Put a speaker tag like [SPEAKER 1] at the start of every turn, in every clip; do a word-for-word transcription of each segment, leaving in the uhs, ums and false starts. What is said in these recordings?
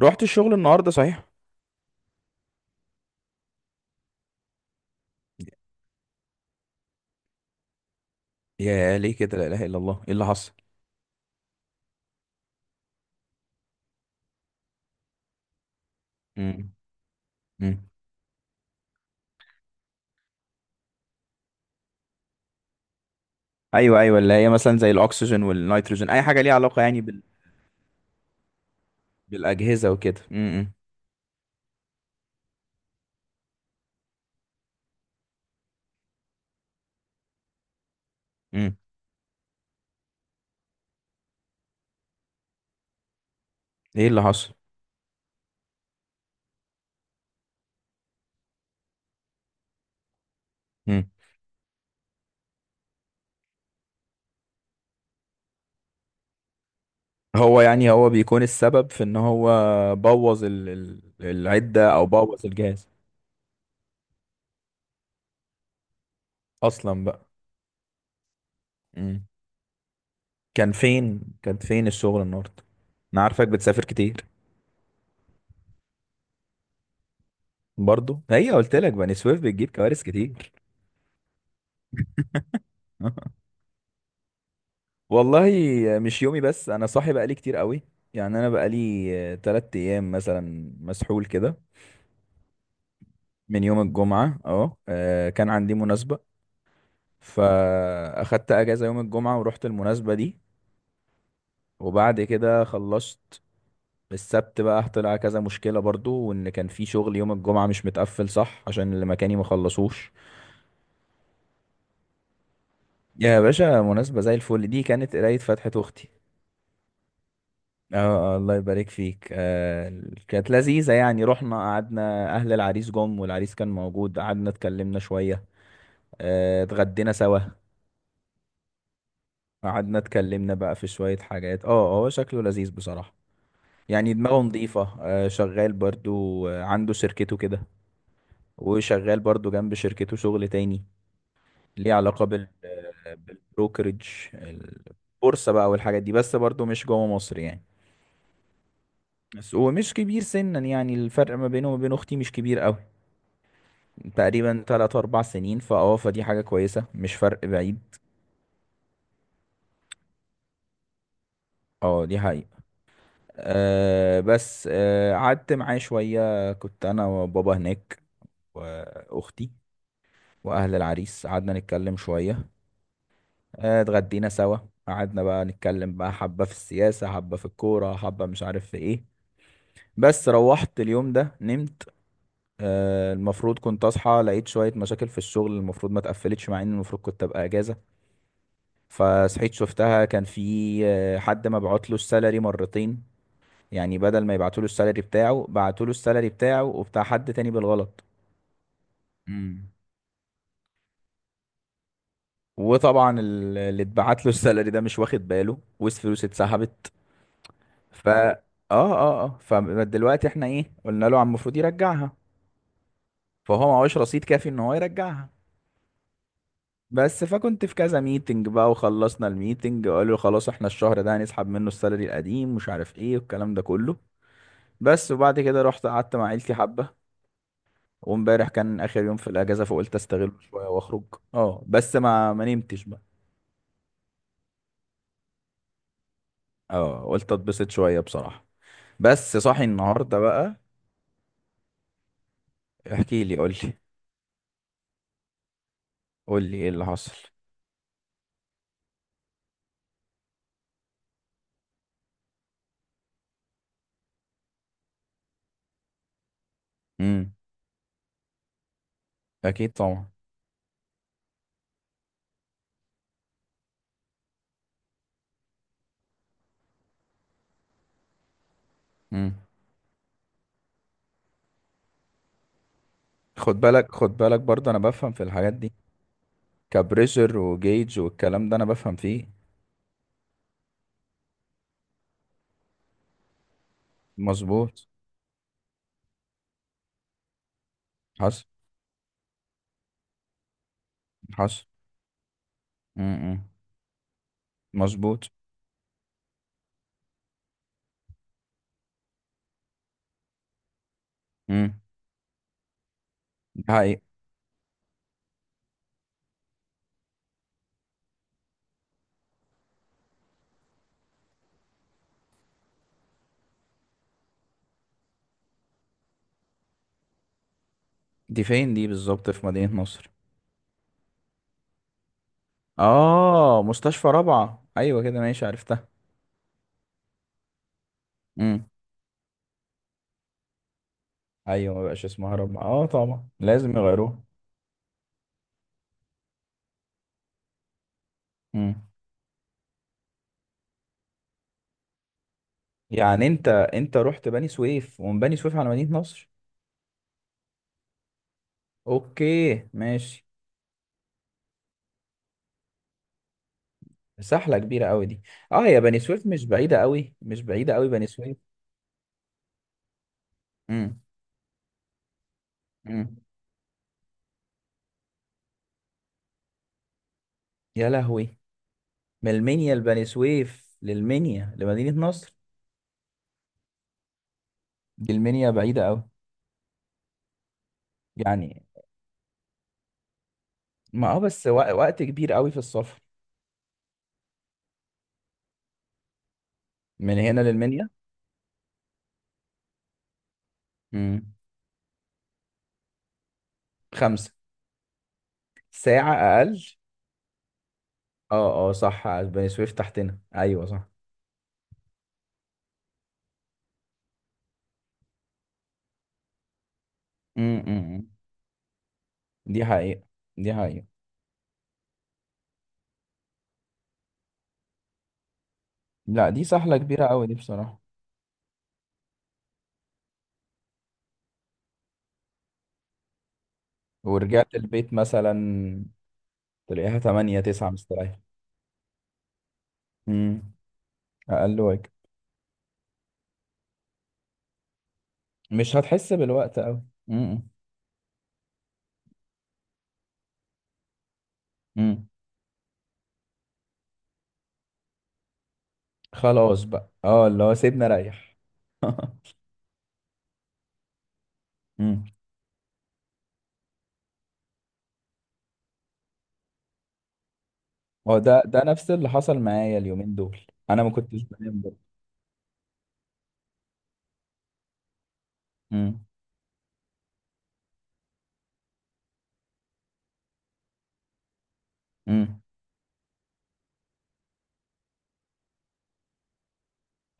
[SPEAKER 1] رحت الشغل النهارده، صحيح؟ يا ليه كده؟ لا اله الا الله، ايه اللي حصل؟ امم. امم. ايوه، ايوه، اللي هي مثلا زي الاكسجين والنيتروجين، اي حاجه ليها علاقه يعني بال... بالاجهزه وكده. امم. امم. ايه اللي حصل؟ امم. هو يعني هو بيكون السبب في ان هو بوظ ال... ال- العده او بوظ الجهاز. اصلا بقى. امم. كان فين كان فين الشغل النهارده؟ انا عارفك بتسافر كتير. برضو، هي قلت لك بني سويف بتجيب كوارث كتير. والله، مش يومي بس، انا صاحي بقالي كتير قوي. يعني انا بقالي تلات ايام مثلا مسحول كده. من يوم الجمعة، اه آه، كان عندي مناسبة. فاخدت اجازة يوم الجمعة ورحت المناسبة دي. وبعد كده خلصت. السبت بقى طلع كذا مشكلة، برضو وان كان في شغل يوم الجمعة مش متقفل صح عشان اللي مكاني ما خلصوش. يا باشا، مناسبة زي الفل. دي كانت قراية فتحة اختي. اه، اه، الله يبارك فيك. آه كانت لذيذة، يعني رحنا قعدنا. أهل العريس جم والعريس كان موجود، قعدنا اتكلمنا شوية. آه اتغدينا سوا. قعدنا اتكلمنا بقى في شوية حاجات. اه آه، هو شكله لذيذ بصراحة. يعني دماغه نظيفة. آه شغال برضو. آه، عنده شركته كده. وشغال برضو جنب شركته شغل تاني. ليه علاقة بال آه، بالبروكرج. البورصة بقى والحاجات دي، بس برضو مش جوه مصر يعني. بس هو مش كبير سنا، يعني الفرق ما بينه وما بين أختي مش كبير أوي. تقريبا تلات أربع سنين، فأه فدي حاجة كويسة، مش فرق بعيد. اه، دي حقيقة. أه بس أه قعدت معاه شوية. كنت أنا وبابا هناك. وأختي. وأهل العريس. قعدنا نتكلم شوية. آه، اتغدينا سوا. قعدنا بقى نتكلم بقى حبة في السياسة، حبة في الكورة، حبة مش عارف في ايه. بس روحت اليوم ده نمت. آه، المفروض كنت أصحى لقيت شوية مشاكل في الشغل المفروض ما تقفلتش، مع إن المفروض كنت أبقى أجازة. فصحيت شفتها، كان في آه، حد مبعوت له السالري مرتين. يعني بدل ما يبعتوا له السالري بتاعه، بعتوا له السالري بتاعه وبتاع حد تاني بالغلط. امم. وطبعا ال- اللي اتبعت له السالري ده مش واخد باله، والفلوس اتسحبت. ف اه اه اه فدلوقتي احنا، ايه؟ قلنا له عم المفروض يرجعها. فهو معهوش رصيد كافي ان هو يرجعها. بس فكنت في كذا ميتنج بقى، وخلصنا الميتنج وقالوا خلاص احنا الشهر ده هنسحب منه السالري القديم، مش عارف ايه والكلام ده كله. بس وبعد كده رحت قعدت مع عيلتي حبة. وامبارح كان اخر يوم في الاجازة، فقلت استغله شوية واخرج. اه، بس ما ما نمتش بقى. اه، قلت اتبسط شوية بصراحة. بس صاحي النهاردة بقى. احكي لي، قول لي. قول لي ايه اللي حصل. امم. اكيد طبعا. امم. خد بالك، خد بالك، برضه انا بفهم في الحاجات دي. كبريشر وجيج والكلام ده انا بفهم فيه. مظبوط. حصل. حصل. امم. مظبوط. امم. دي حقيقة. دي فين دي بالظبط؟ في مدينة نصر؟ اه، مستشفى رابعة. ايوه كده، ماشي عرفتها. امم. ايوه، ما بقاش اسمها رابعة. اه، طبعا لازم يغيروها. امم. يعني انت انت رحت بني سويف، ومن بني سويف على مدينة نصر؟ اوكي ماشي. سحلة كبيرة قوي دي. اه، يا بني سويف مش بعيدة قوي، مش بعيدة قوي بني سويف. امم. امم. يا لهوي! من المنيا لبني سويف للمنيا لمدينة نصر. دي المنيا بعيدة قوي. يعني، ما اه بس وق- وقت كبير قوي في السفر. من هنا للمنيا؟ امم. خمسة. ساعة أقل. اه اه، صح، بني سويف تحتنا، أيوة صح. امم. دي حقيقة. دي حقيقة. لا، دي سهلة كبيرة أوي دي بصراحة. ورجعت البيت مثلا؟ تلاقيها تمانية تسعة مستريح. امم. أقل وجه. مش هتحس بالوقت أوي. امم. امم. خلاص بقى. اه اللي هو، سيبنا ريح. امم. هو ده ده نفس اللي حصل معايا اليومين دول. أنا ما كنتش بنام برضه. امم. امم.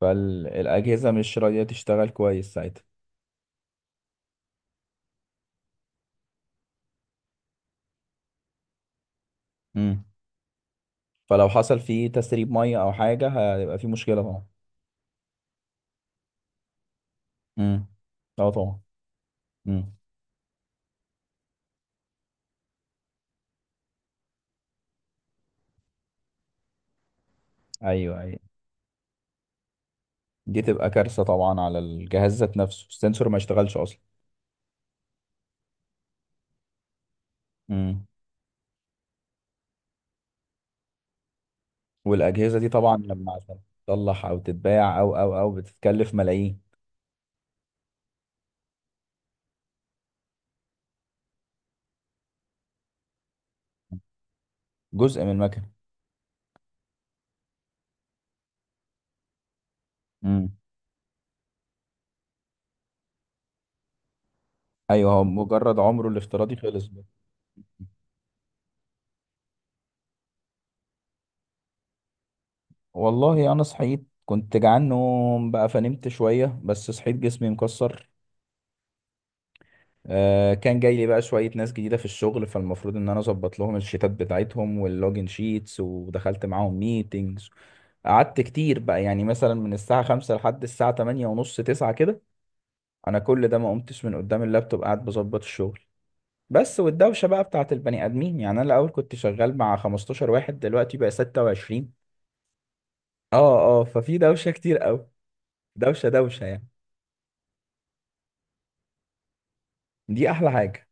[SPEAKER 1] فالأجهزة مش راضية تشتغل كويس ساعتها. فلو حصل فيه تسريب ميه او حاجه. هيبقى فيه مشكله طبعا. امم. اه، طبعا. امم. ايوه، ايوه، دي تبقى كارثه طبعا على الجهاز ذات نفسه، السنسور ما يشتغلش اصلا. امم. والاجهزه دي طبعا لما عشان تصلح او تتباع او او او بتتكلف ملايين. جزء من المكنه. امم. ايوه، هو مجرد عمره الافتراضي خلص. والله انا صحيت كنت جعان نوم بقى، فنمت شويه بس صحيت جسمي مكسر. آه، كان جاي لي بقى شوية ناس جديدة في الشغل، فالمفروض ان انا اظبط لهم الشيتات بتاعتهم واللوجن شيتس، ودخلت معاهم ميتينجز. قعدت كتير بقى، يعني مثلا من الساعة خمسة لحد الساعة تمانية ونص تسعة كده. انا كل ده ما قمتش من قدام اللابتوب، قاعد بظبط الشغل. بس والدوشة بقى بتاعت البني ادمين، يعني انا الاول كنت شغال مع خمستاشر واحد، دلوقتي بقى ستة وعشرين. اه اه، ففي دوشة كتير قوي. دوشة دوشة يعني. دي احلى حاجة.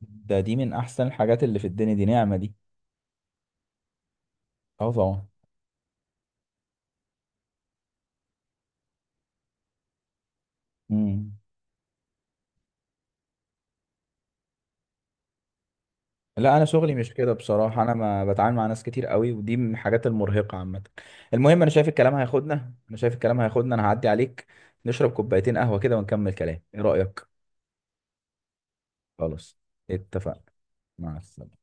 [SPEAKER 1] ده دي من احسن الحاجات اللي في الدنيا، دي نعمة دي. اه، طبعا. مم. لا، انا شغلي مش كده بصراحه، انا ما بتعامل مع ناس كتير قوي، ودي من الحاجات المرهقه عامه. المهم، انا شايف الكلام هياخدنا، انا شايف الكلام هياخدنا، انا هعدي عليك. نشرب كوبايتين قهوه كده ونكمل كلام، ايه رايك؟ خلاص، اتفقنا. مع السلامه.